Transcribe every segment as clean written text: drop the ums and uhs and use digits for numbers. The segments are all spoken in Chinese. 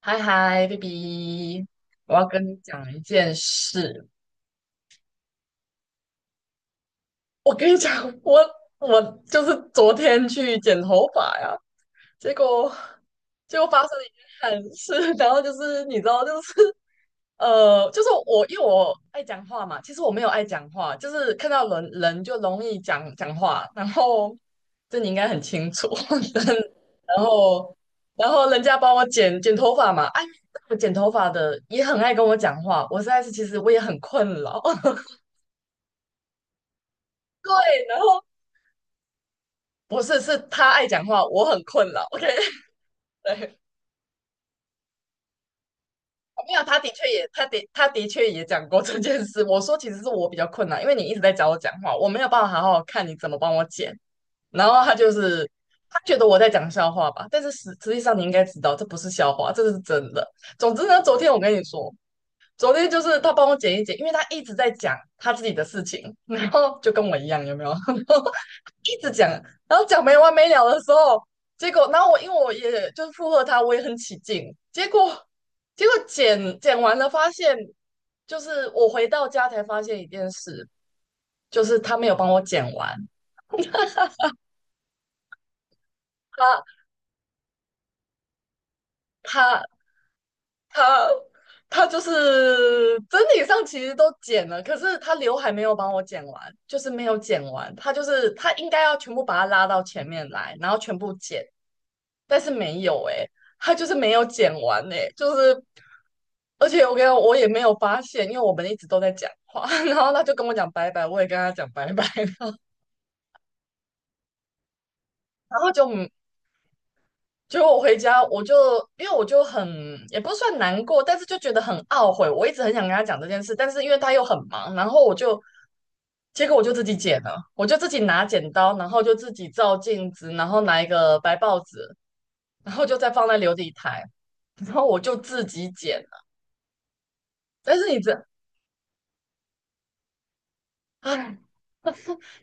嗨嗨，baby，我要跟你讲一件事。我跟你讲，我就是昨天去剪头发呀，结果结果发生了一件憾事，然后就是你知道，就是我因为我爱讲话嘛，其实我没有爱讲话，就是看到人人就容易讲讲话，然后这你应该很清楚，但然后然后人家帮我剪剪头发嘛，哎，我剪头发的也很爱跟我讲话，我实在是其实我也很困扰，对，然后不是是他爱讲话，我很困扰，OK，对。没有，他的确也，他的确也讲过这件事。我说其实是我比较困难，因为你一直在找我讲话，我没有办法好好看你怎么帮我剪。然后他就是他觉得我在讲笑话吧，但是实实际上你应该知道这不是笑话，这是真的。总之呢，昨天我跟你说，昨天就是他帮我剪一剪，因为他一直在讲他自己的事情，然后就跟我一样，有没有？然后一直讲，然后讲没完没了的时候，结果，然后我因为我也就是附和他，我也很起劲，结果，结果剪剪完了，发现就是我回到家才发现一件事，就是他没有帮我剪完，他他他他就是整体上其实都剪了，可是他刘海没有帮我剪完，就是没有剪完。他就是他应该要全部把它拉到前面来，然后全部剪，但是没有诶、他就是没有剪完诶、就是而且我跟你讲，我也没有发现，因为我们一直都在讲话，然后他就跟我讲拜拜，我也跟他讲拜拜，然后就结果我回家，我就因为我就很也不是算难过，但是就觉得很懊悔。我一直很想跟他讲这件事，但是因为他又很忙，然后我就结果我就自己剪了，我就自己拿剪刀，然后就自己照镜子，然后拿一个白报纸，然后就再放在琉璃台，然后我就自己剪了。但是你这，唉，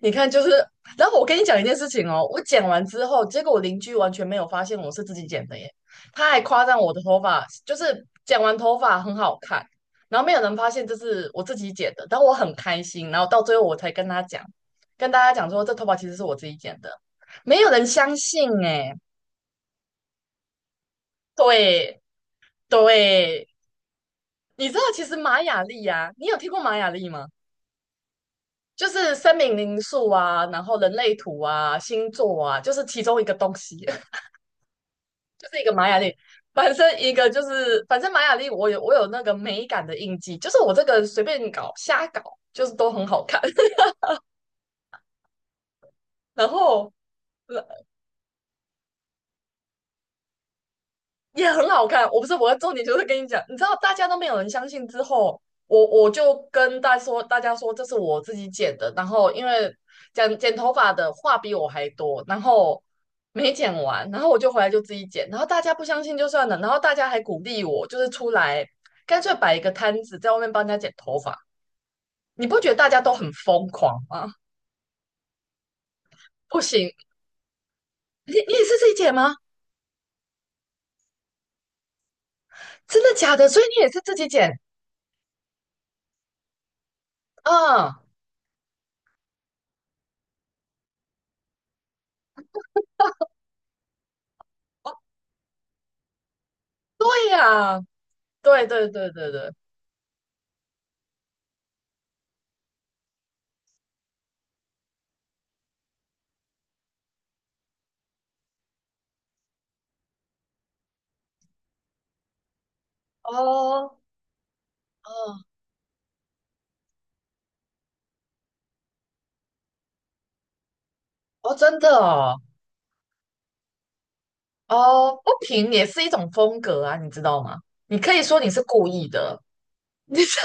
你看，就是，然后我跟你讲一件事情哦，我剪完之后，结果我邻居完全没有发现我是自己剪的耶，他还夸赞我的头发，就是剪完头发很好看，然后没有人发现这是我自己剪的，但我很开心，然后到最后我才跟他讲，跟大家讲说这头发其实是我自己剪的，没有人相信哎，对对，你知道其实玛雅历啊，你有听过玛雅历吗？就是生命灵数啊，然后人类图啊，星座啊，就是其中一个东西。就是一个玛雅丽，反正一个就是反正玛雅丽，我有那个美感的印记，就是我这个随便搞瞎搞，就是都很好看，然后呃也很好看。我不是我的重点就是跟你讲，你知道大家都没有人相信之后，我就跟大家说，大家说这是我自己剪的，然后因为剪剪头发的话比我还多，然后。没剪完，然后我就回来就自己剪，然后大家不相信就算了，然后大家还鼓励我，就是出来干脆摆一个摊子在外面帮人家剪头发，你不觉得大家都很疯狂吗？不行，你你也是自己剪吗？真的假的？所以你也是自己剪？嗯，对呀，对对对对对，哦，嗯，哦，真的哦，哦，不平也是一种风格啊，你知道吗？你可以说你是故意的，你是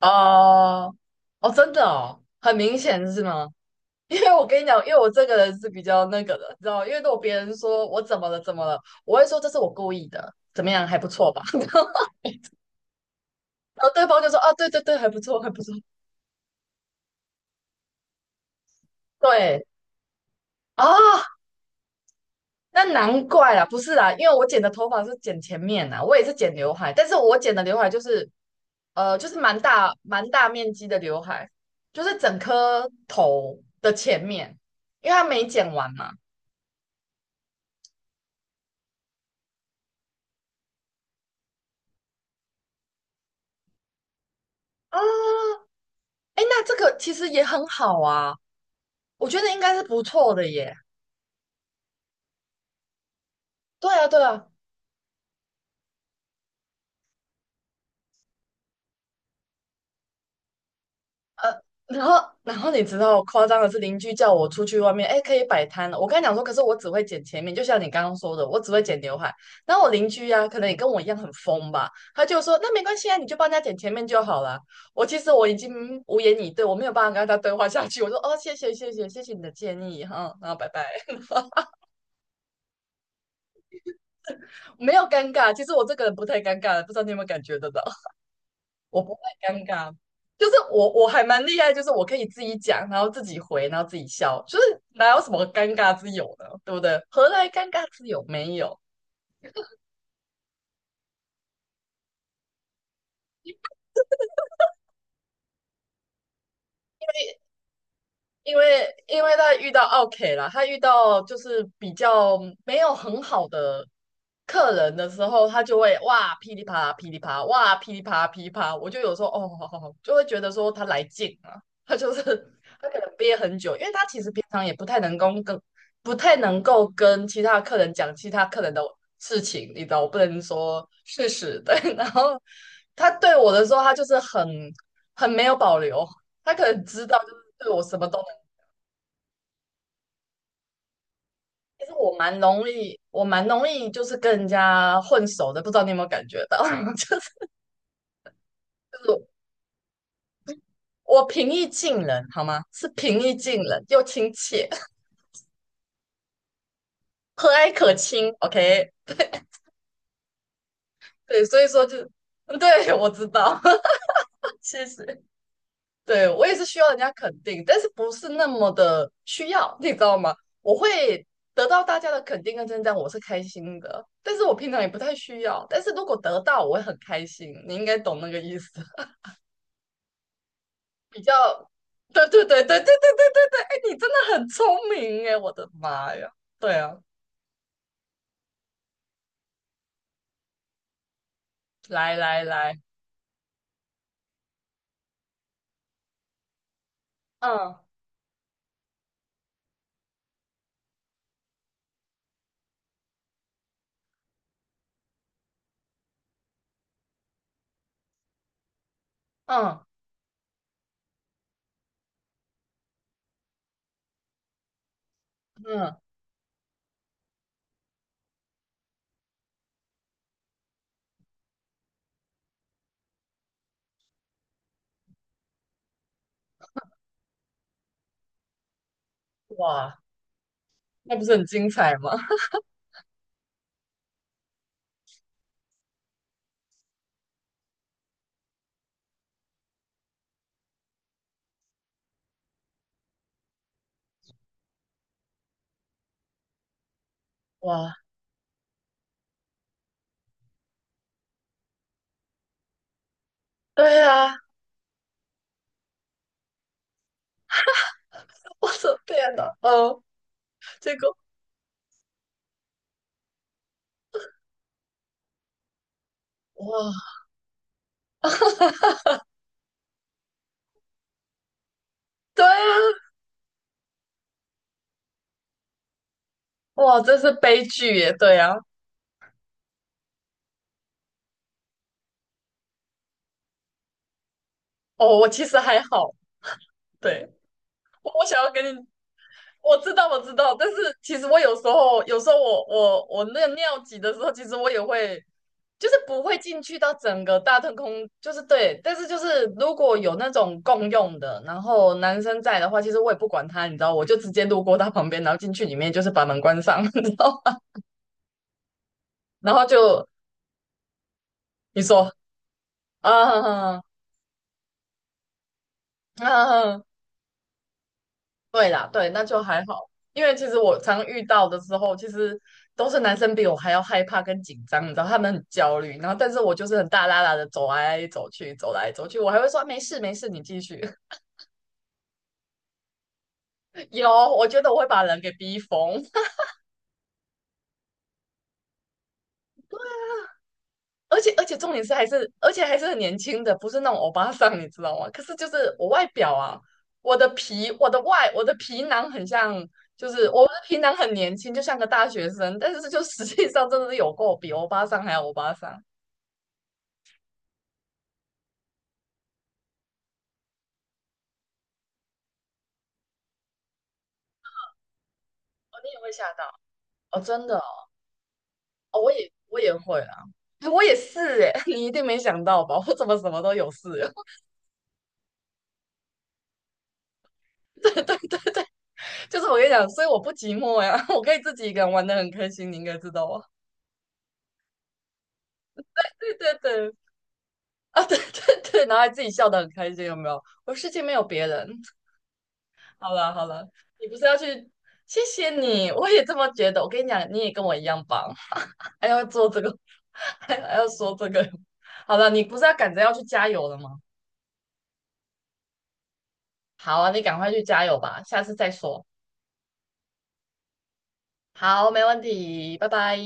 哦，哦，真的哦，很明显是吗？因为我跟你讲，因为我这个人是比较那个的，你知道吗因为如果别人说我怎么了怎么了，我会说这是我故意的，怎么样还不错吧？然后对方就说哦，对对对，还不错，还不错，对啊，那难怪啦，不是啦，因为我剪的头发是剪前面啦，我也是剪刘海，但是我剪的刘海就是就是蛮大蛮大面积的刘海，就是整颗头的前面，因为它没剪完嘛。啊，哎，那这个其实也很好啊，我觉得应该是不错的耶。对啊，对啊，呃，然后然后你知道夸张的是，邻居叫我出去外面，哎，可以摆摊了。我跟他讲说，可是我只会剪前面，就像你刚刚说的，我只会剪刘海。然后我邻居呀、可能也跟我一样很疯吧，他就说那没关系啊，你就帮人家剪前面就好了。我其实我已经无言以对，我没有办法跟他对话下去。我说哦，谢谢谢谢谢谢你的建议哈，然后拜拜，没有尴尬。其实我这个人不太尴尬的，不知道你有没有感觉得到？我不会尴尬，就是我我还蛮厉害，就是我可以自己讲，然后自己回，然后自己笑，就是哪有什么尴尬之有呢？对不对？何来尴尬之有？没有。因为因为他遇到奥 k 啦，他遇到就是比较没有很好的客人的时候，他就会哇噼里啪啦噼里啪啦，哇噼里啪啦噼里啪啦，我就有时候哦，好好好就会觉得说他来劲了，他就是他可能憋很久，因为他其实平常也不太能够跟不太能够跟其他客人讲其他客人的事情，你知道，我不能说事实，对，然后他对我的时候，他就是很很没有保留，他可能知道就是对我什么都。其实我蛮容易，我蛮容易就是跟人家混熟的，不知道你有没有感觉到？就是我平易近人，好吗？是平易近人又亲切，和蔼可亲。OK，对，所以说就，嗯对，我知道，谢谢。对，我也是需要人家肯定，但是不是那么的需要，你知道吗？我会得到大家的肯定跟称赞，我是开心的，但是我平常也不太需要，但是如果得到，我会很开心。你应该懂那个意思。比较，对对对对对对对对对，哎，你真的很聪明哎，我的妈呀！对啊，来来来，嗯嗯嗯，哇，那不是很精彩吗？哇，对呀，我的天呐，哦，这个哇，对啊，哇，这是悲剧耶，对啊，哦，我其实还好，对，我我想要跟你，我知道我知道，但是其实我有时候有时候我那个尿急的时候，其实我也会就是不会进去到整个大特空，就是对，但是就是如果有那种共用的，然后男生在的话，其实我也不管他，你知道，我就直接路过他旁边，然后进去里面，就是把门关上，你知道吗？然后就你说啊啊，啊对啦，对，那就还好，因为其实我常遇到的时候，其实都是男生比我还要害怕跟紧张，你知道，他们很焦虑，然后但是我就是很大啦啦的走来走去，走来走去，我还会说啊没事没事，你继续。有，我觉得我会把人给逼疯，而且重点是还是而且还是很年轻的，不是那种欧巴桑，你知道吗？可是就是我外表啊，我的皮，我的外，我的皮囊很像，就是我的皮囊很年轻，就像个大学生，但是就实际上真的是有够比欧巴桑还要欧巴桑。哦，你也会吓到哦，真的哦，哦我也会啊，哎我也是哎，你一定没想到吧？我怎么什么都有事？对，就是我跟你讲，所以我不寂寞呀，我可以自己一个人玩的很开心，你应该知道啊。对对对，啊，对对对，然后还自己笑得很开心，有没有？我世界没有别人。好了好了，你不是要去？谢谢你，我也这么觉得。我跟你讲，你也跟我一样棒，还要做这个，还还要说这个。好了，你不是要赶着要去加油了吗？好啊，你赶快去加油吧，下次再说。好，没问题，拜拜。